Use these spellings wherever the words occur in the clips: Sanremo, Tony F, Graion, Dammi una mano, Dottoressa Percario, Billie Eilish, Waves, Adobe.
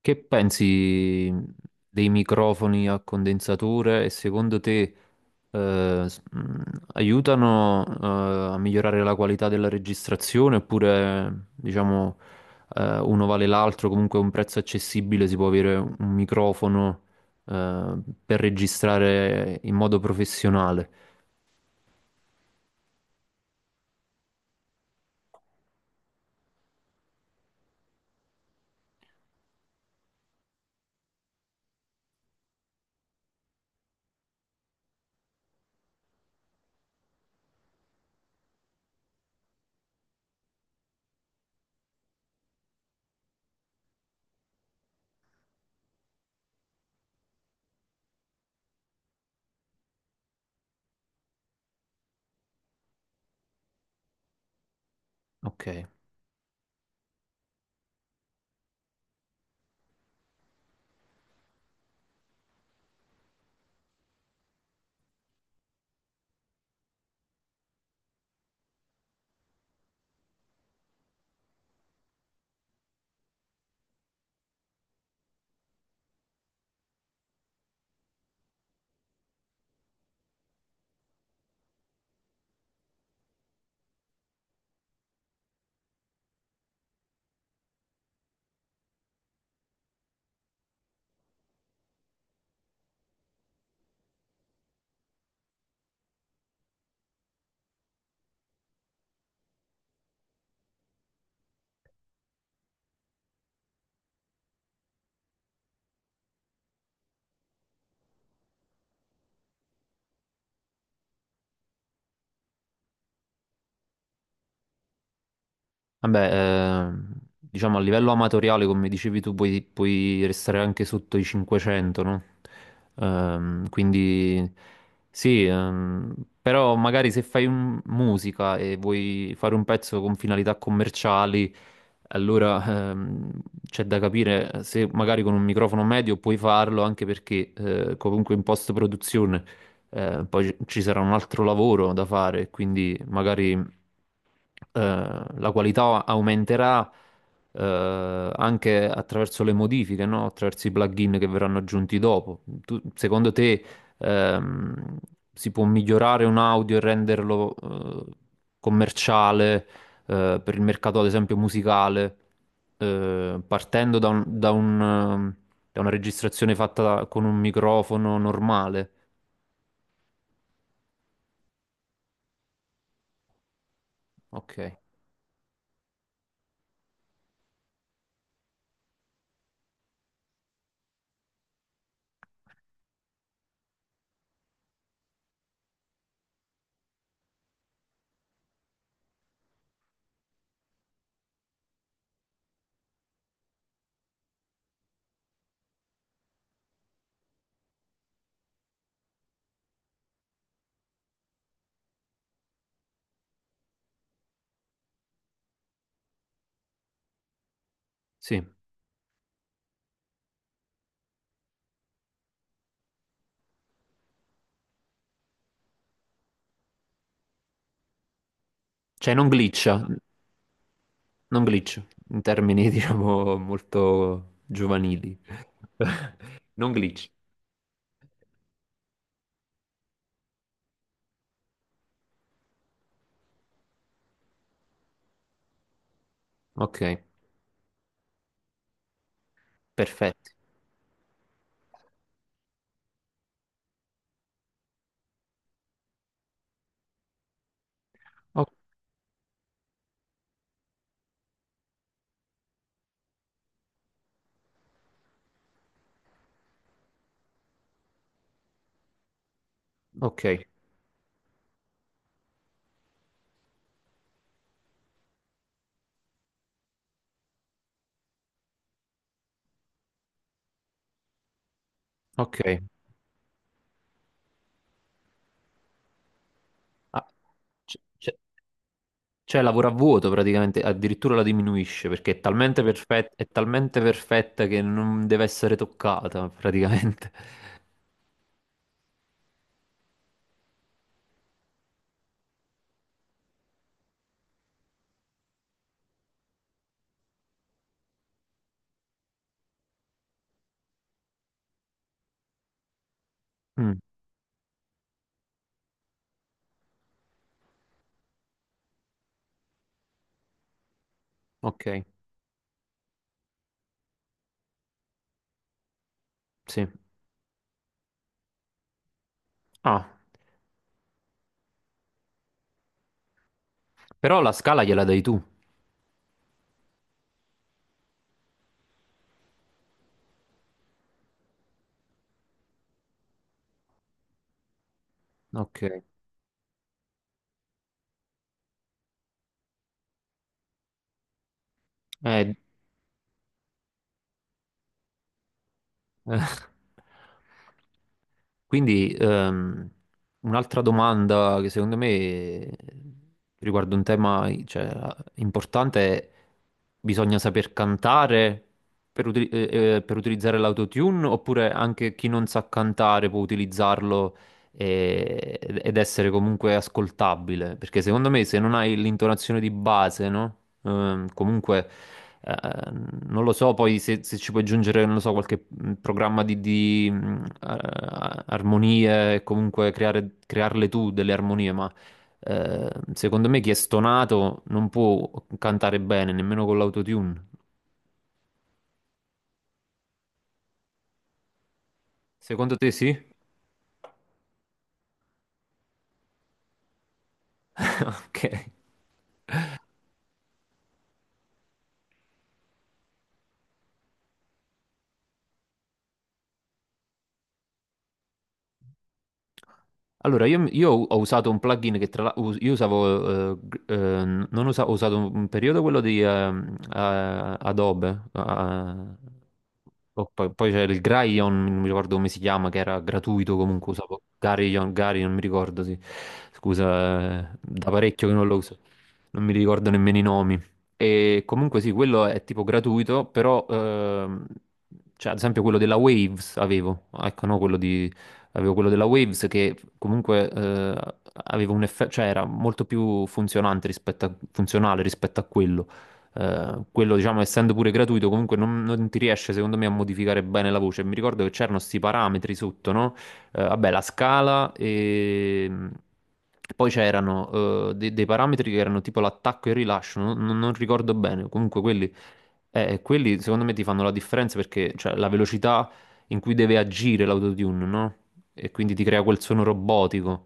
Che pensi dei microfoni a condensatore e secondo te eh, s- mh, aiutano a migliorare la qualità della registrazione oppure diciamo uno vale l'altro, comunque a un prezzo accessibile si può avere un microfono eh, per registrare in modo professionale? Ok. Vabbè, ehm, diciamo a livello amatoriale, come dicevi tu, puoi restare anche sotto i 500, no? Quindi sì, però magari se musica e vuoi fare un pezzo con finalità commerciali, allora c'è da capire se magari con un microfono medio puoi farlo, anche perché comunque in post-produzione poi ci sarà un altro lavoro da fare, quindi magari la qualità aumenterà anche attraverso le modifiche, no? Attraverso i plugin che verranno aggiunti dopo. Secondo te ehm, si può migliorare un audio e renderlo eh, commerciale per il mercato, ad esempio, musicale, partendo da da una registrazione fatta con un microfono normale? Ok, sì. Cioè non glitcha, non glitch, in termini diciamo molto giovanili. Non glitch. Ok, perfetto. O- ok, ok. Ah, c- c- cioè lavora a vuoto praticamente, addirittura la diminuisce perché è talmente perfetta che non deve essere toccata praticamente. Mm, ok, sì. Ah, però la scala gliela dai tu. Ok. Eh, Quindi un'altra domanda che secondo me riguarda un tema, cioè, importante è: bisogna saper cantare per, per utilizzare l'autotune, oppure anche chi non sa cantare può utilizzarlo ed essere comunque ascoltabile? Perché secondo me se non hai l'intonazione di base, no? Comunque, eh, non lo so, poi se ci puoi aggiungere, non lo so, qualche programma di armonie, e comunque crearle tu delle armonie, ma secondo me chi è stonato non può cantare bene, nemmeno con l'autotune. Secondo te sì? Ok. Allora, io ho usato un plugin che, tra l'altro, io usavo, gr- non usa- ho usato un periodo quello di Adobe, oh, poi c'era il Graion, non mi ricordo come si chiama, che era gratuito comunque, usavo Graion, Graion, non mi ricordo, sì. Scusa, da parecchio che non lo uso, non mi ricordo nemmeno i nomi. E comunque sì, quello è tipo gratuito, però cioè, ad esempio quello della Waves avevo, ecco, no, quello di avevo quello della Waves che comunque aveva un effetto, cioè era molto più funzionante rispetto a, funzionale rispetto a quello. Quello, diciamo, essendo pure gratuito, comunque non ti riesce, secondo me, a modificare bene la voce. Mi ricordo che c'erano questi parametri sotto, no? Vabbè, la scala e... Poi c'erano dei parametri che erano tipo l'attacco e il rilascio, non ricordo bene, comunque quelli, quelli secondo me ti fanno la differenza, perché cioè, la velocità in cui deve agire l'autotune, no? E quindi ti crea quel suono robotico.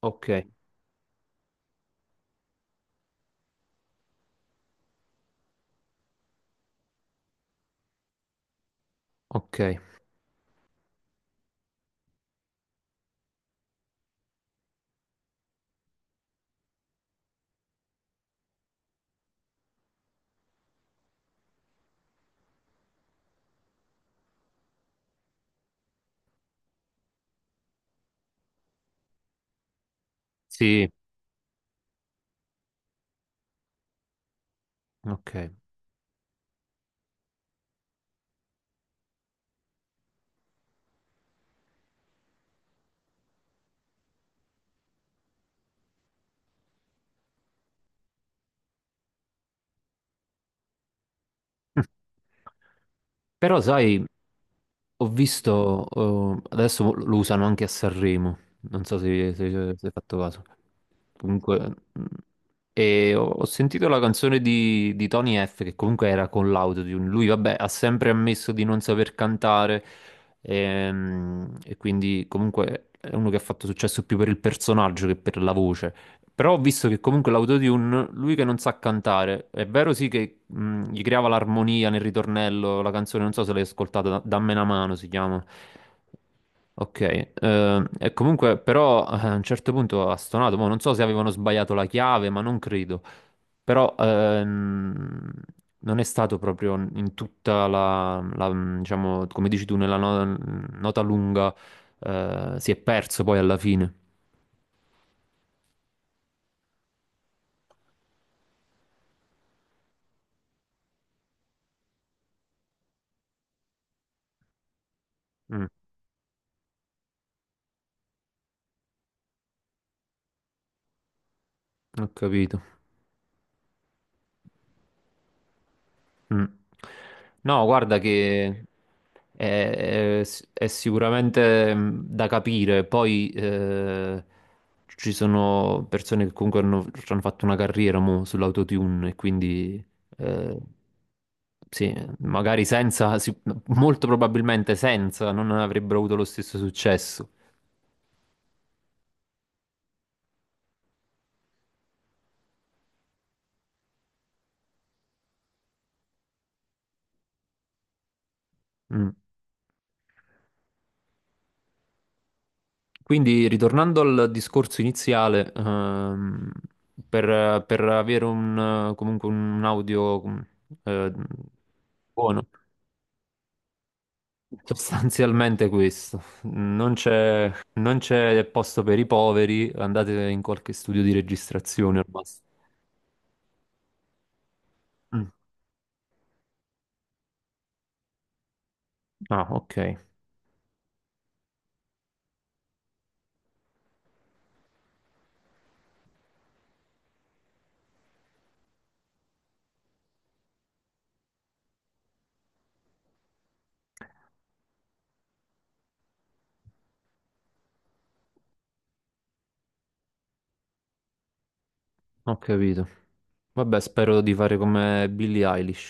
Ok. Ok, sì, ok. Però sai, ho visto, adesso lo usano anche a Sanremo, non so se hai fatto caso. Comunque, mh, e ho sentito la canzone di Tony F, che comunque era con l'autotune. Lui, vabbè, ha sempre ammesso di non saper cantare, e quindi comunque è uno che ha fatto successo più per il personaggio che per la voce. Però ho visto che comunque l'autotune, lui che non sa cantare, è vero sì che gli creava l'armonia nel ritornello. La canzone, non so se l'hai ascoltata, Dammi una mano si chiama. Ok, e comunque però a un certo punto ha stonato, mo non so se avevano sbagliato la chiave, ma non credo, però non è stato proprio in tutta diciamo, come dici tu, nella nota lunga, si è perso poi alla fine. Mm, ho capito. Mm. No, guarda che è, è sicuramente mm, da capire. Poi ci sono persone che comunque ci hanno fatto una carriera mo, sull'autotune, e quindi eh, sì, magari senza, sì, molto probabilmente senza, non avrebbero avuto lo stesso successo. Mm. Quindi, ritornando al discorso iniziale, per avere un, comunque un eh, buono, sostanzialmente questo, non c'è, non c'è posto per i poveri, andate in qualche studio di registrazione al massimo. Mm. Ah, ok, ho capito. Vabbè, spero di fare come Billie Eilish.